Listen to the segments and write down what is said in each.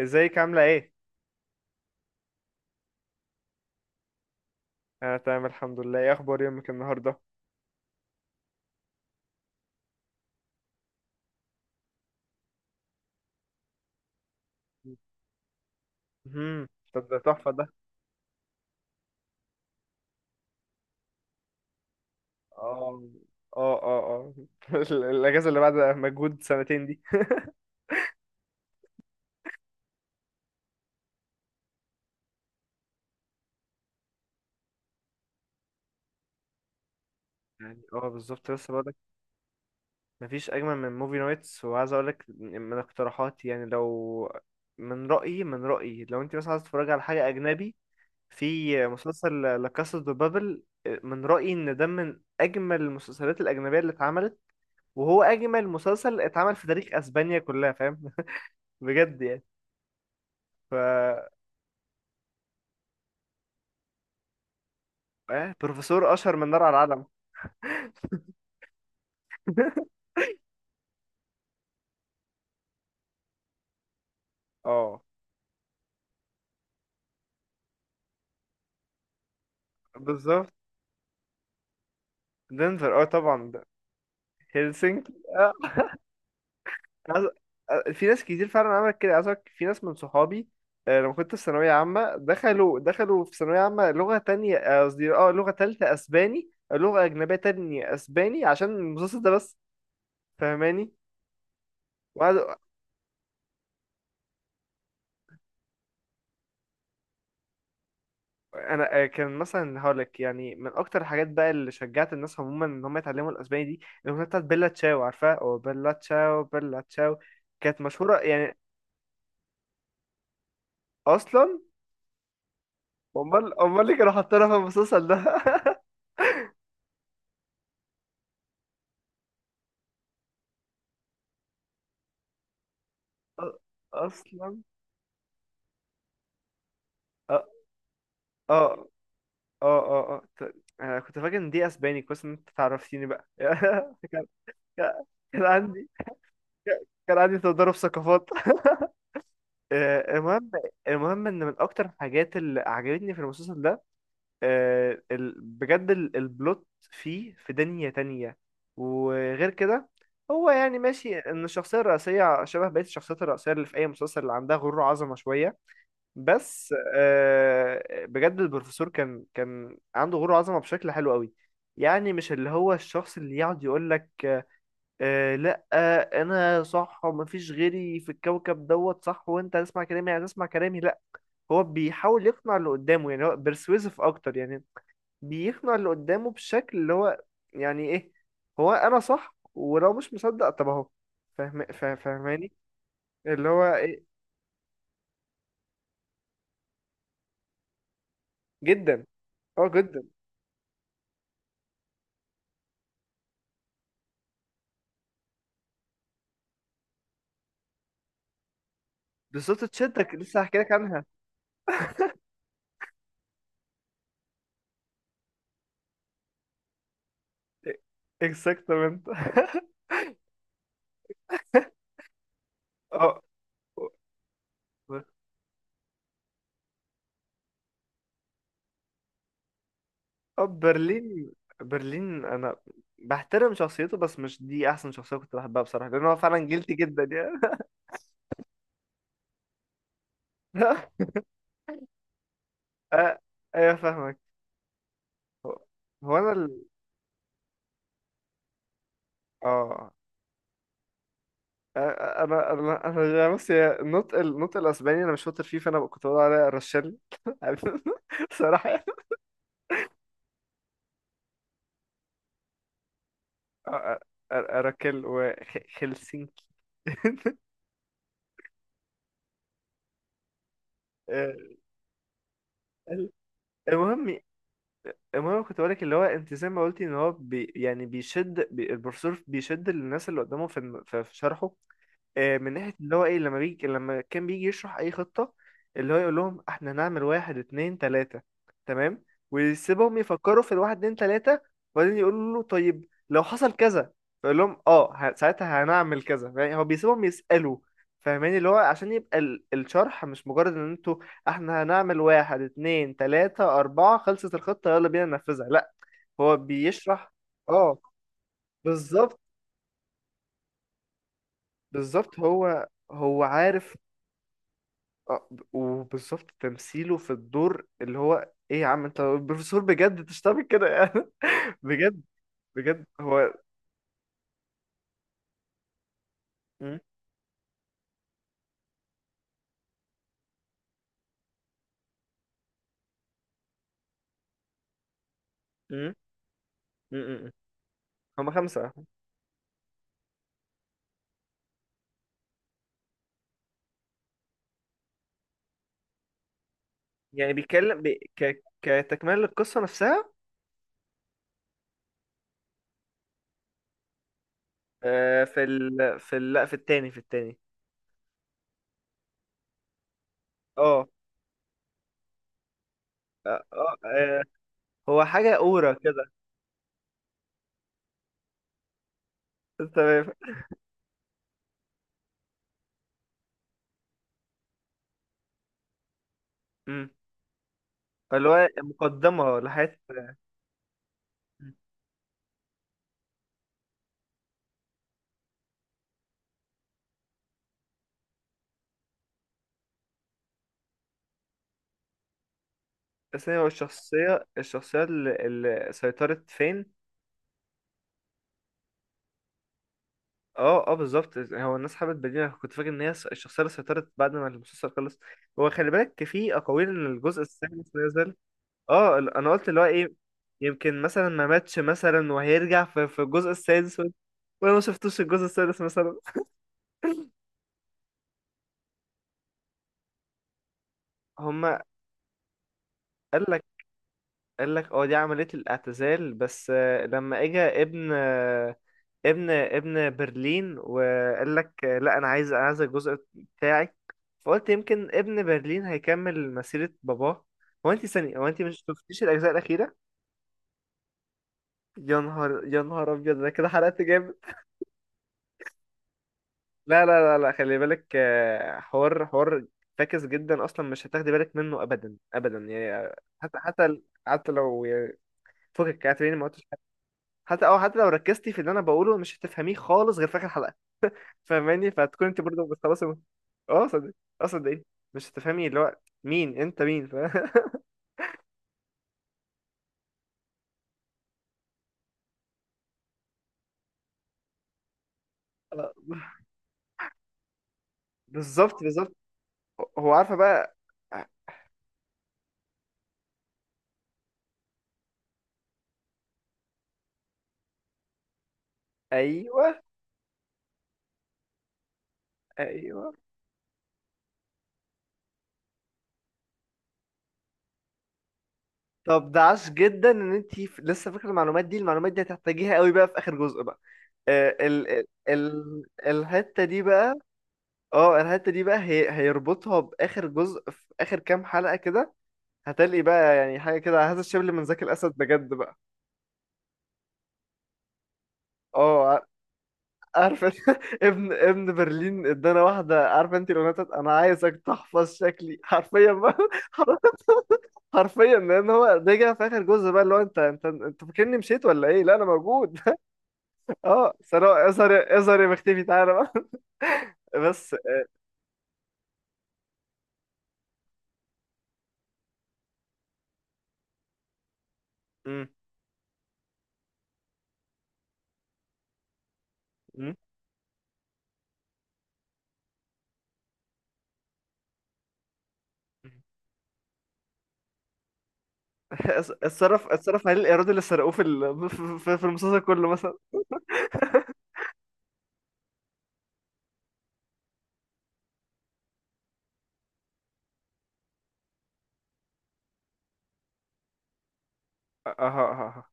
ازيك عاملة ايه؟ انا تمام الحمد لله. ايه اخبار يومك النهاردة؟ امم. طب ده تحفة ده. اه اه اه اه. الاجازة اللي بعد مجهود سنتين دي. يعني بالظبط، لسه بقولك مفيش اجمل من موفي نايتس. وعايز اقولك من اقتراحاتي، يعني لو من رأيي لو انت مثلا عايز تتفرج على حاجة اجنبي، في مسلسل لا كاسا دو بابل. من رأيي ان ده من اجمل المسلسلات الاجنبية اللي اتعملت، وهو اجمل مسلسل اتعمل في تاريخ اسبانيا كلها، فاهم. بجد يعني. ف إيه؟ بروفيسور اشهر من نار على العلم. اه، بالظبط. دنفر، اه طبعا ده. هلسنكي اه. عايز- في ناس كتير فعلا عملت كده. عايز أقولك في ناس من صحابي، لما كنت في ثانوية عامة، دخلوا في ثانوية عامة لغة تانية، قصدي لغة تالتة أسباني، لغة أجنبية تانية أسباني، عشان المسلسل ده بس. فاهماني. وقعد. انا كان مثلا هقولك، يعني من اكتر الحاجات بقى اللي شجعت الناس عموما ان هم يتعلموا الاسباني دي الاغنيه بتاعت بيلا تشاو، عارفها، او بيلا تشاو بيلا تشاو. كانت مشهوره يعني. اصلا امال امال اللي كانوا حاطينها في المسلسل ده. أ- اصلا. اه اه اه اه. آه. انا كنت فاكر ان دي اسباني. كويس ان انت تعرفتيني بقى. كان كان كان عندي، كان عندي تضارب ثقافات. المهم. المهم ان من اكتر الحاجات اللي عجبتني في المسلسل ده بجد البلوت، فيه في دنيا تانية. وغير كده، هو يعني ماشي ان الشخصية الرئيسية شبه بقية الشخصيات الرئيسية اللي في اي مسلسل، اللي عندها غرور وعظمة شوية، بس بجد البروفيسور كان عنده غرور وعظمة بشكل حلو قوي. يعني مش اللي هو الشخص اللي يقعد يقولك لا، انا صح ومفيش غيري في الكوكب دوت صح، وانت هتسمع كلامي يعني، هتسمع كلامي لا. هو بيحاول يقنع اللي قدامه، يعني هو persuasive اكتر يعني. بيقنع اللي قدامه بشكل اللي هو، يعني ايه، هو انا صح، ولو مش مصدق طب اهو. فاهم، فاهماني اللي هو ايه. جدا. اه جدا. بالظبط، تشدك، لسه هحكي لك عنها. اكزاكتamente. اه اه، برلين. برلين انا بحترم شخصيته، بس مش دي احسن شخصيه كنت بحبها بصراحه، لان هو فعلا جلتي جدا يعني. آه، ايوه، فاهمك. هو، هو انا ال... اه انا انا انا يعني، بص، هي النطق الاسباني انا مش شاطر فيه، فانا كنت بقول عليها رشال. صراحه يعني. أ- أ- اراكل وهلسنكي. آه، المهم. المهم كنت بقولك اللي هو، انت زي ما قلتي، ان هو بي يعني بيشد البروفيسور بيشد الناس اللي قدامه في الم- في في شرحه. من ناحية اللي هو ايه، لما بيجي، لما كان بيجي يشرح اي خطة، اللي هو يقول لهم احنا هنعمل واحد اتنين تلاتة، تمام، ويسيبهم يفكروا في الواحد اتنين تلاتة. وبعدين يقولوا له طيب لو حصل كذا، فيقول لهم ساعتها هنعمل كذا. يعني هو بيسيبهم يسألوا. فاهماني، اللي هو عشان يبقى الشرح مش مجرد ان انتوا، احنا هنعمل واحد اتنين تلاتة اربعة، خلصت الخطة، يلا بينا ننفذها. لا، هو بيشرح. اه، بالظبط. بالظبط هو، هو عارف. وبالظبط تمثيله في الدور اللي هو ايه. يا عم انت بروفيسور بجد، انت مش هتعمل كده يعني. بجد، بجد هو. م- م- م. هما خمسة. يعني بيتكلم كتكملة للقصة نفسها. لا، في التاني. اه اه، هو حاجة أورا كده. انت فاهم؟ م. اللي هو مقدمة لحياة السينما، والشخصية الشخصية الشخصية اللي سيطرت فين. اه اه، بالظبط. هو الناس حبت بديل، كنت فاكر ان هي الشخصيه اللي سيطرت بعد ما المسلسل خلص. هو خلي بالك، في اقاويل ان الجزء السادس نزل. اه، انا قلت اللي هو ايه، يمكن مثلا ما ماتش مثلا وهيرجع في الجزء السادس وانا ما شفتوش الجزء السادس مثلا. هما. قال لك قال لك اه، دي عمليه الاعتزال بس. لما اجى ابن برلين وقال لك لا، انا عايز الجزء بتاعي. فقلت يمكن ابن برلين هيكمل مسيرة باباه. هو انت ثانية، هو انت مش شفتيش الاجزاء الاخيرة؟ يا نهار، يا نهار ابيض، انا كده حرقت جامد. لا لا لا لا، خلي بالك، حوار، حوار فاكس جدا اصلا، مش هتاخدي بالك منه ابدا ابدا يعني. حتى لو يعني، فكك، اعتبريني ما قلتش حاجة. حتى لو ركزتي في اللي انا بقوله، مش هتفهميه خالص غير في اخر حلقة. فاهماني، فهتكون انت برضه بتخلصي اه، صدق. اه، صدقيني، مش هتفهمي اللي هو مين انت، مين آه، بالظبط بالظبط، هو عارفه بقى. ايوه ايوه. طب ده عاش جدا ان انت لسه فاكره المعلومات دي، المعلومات دي هتحتاجيها قوي بقى في اخر جزء بقى. آه، ال ال ال الحته دي بقى. اه، الحته دي بقى هي هيربطها باخر جزء في اخر كام حلقه كده. هتلاقي بقى يعني حاجه كده، هذا الشبل من ذاك الاسد بجد بقى. اه، عارف انت؟ ابن برلين ادانا واحده، عارف انت الاغنيه بتاعت انا عايزك تحفظ شكلي، حرفيا بقى. حرفيا، لان هو رجع في اخر جزء بقى اللي هو، انت فاكرني مشيت ولا ايه؟ لا، انا موجود. اه، ثروت، اظهر اظهر يا مختفي، تعالى بقى. بس. مم. مم. اتصرف عليه الايراد اللي سرقوه في المسلسل كله مثلا. اه اه اه اه.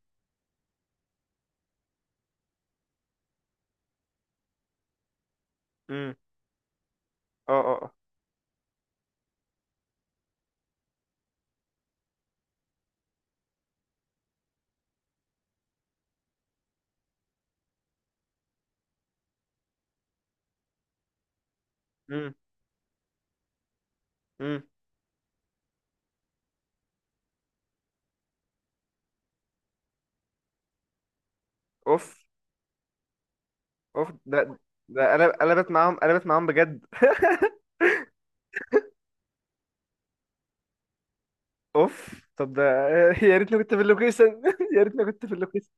مم. اه اه اه. مم. مم. اوف. اوف ده، ده انا بسمعهم، انا بسمعهم بجد. اوف، طب ده. يا ريتني كنت في اللوكيشن. يا ريتني كنت في اللوكيشن.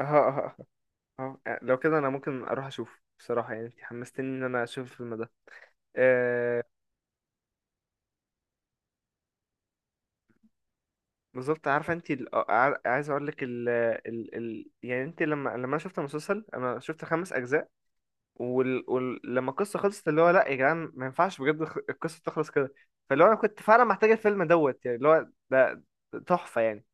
اه اه اه اه. أه. لو كده انا ممكن اروح اشوف بصراحه يعني، انت حمستني ان انا اشوف الفيلم ده. آه بالظبط. عارفه انت عايز اقول لك يعني انت، لما انا شفت المسلسل انا شفت خمس اجزاء. لما القصه خلصت اللي هو لا يا جدعان، ما ينفعش بجد القصه تخلص كده. فاللي هو انا كنت فعلا محتاج الفيلم دوت يعني، اللي هو ده تحفه يعني.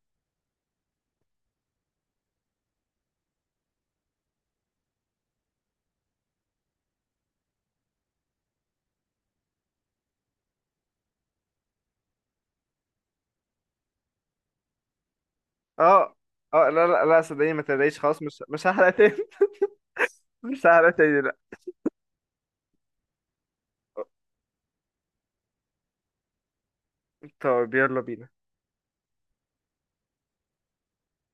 اه اه. لا لا لا، صدقني ما تلاقيش خلاص، مش هحرق تاني. مش هحرق تاني، لا. طب يلا بينا.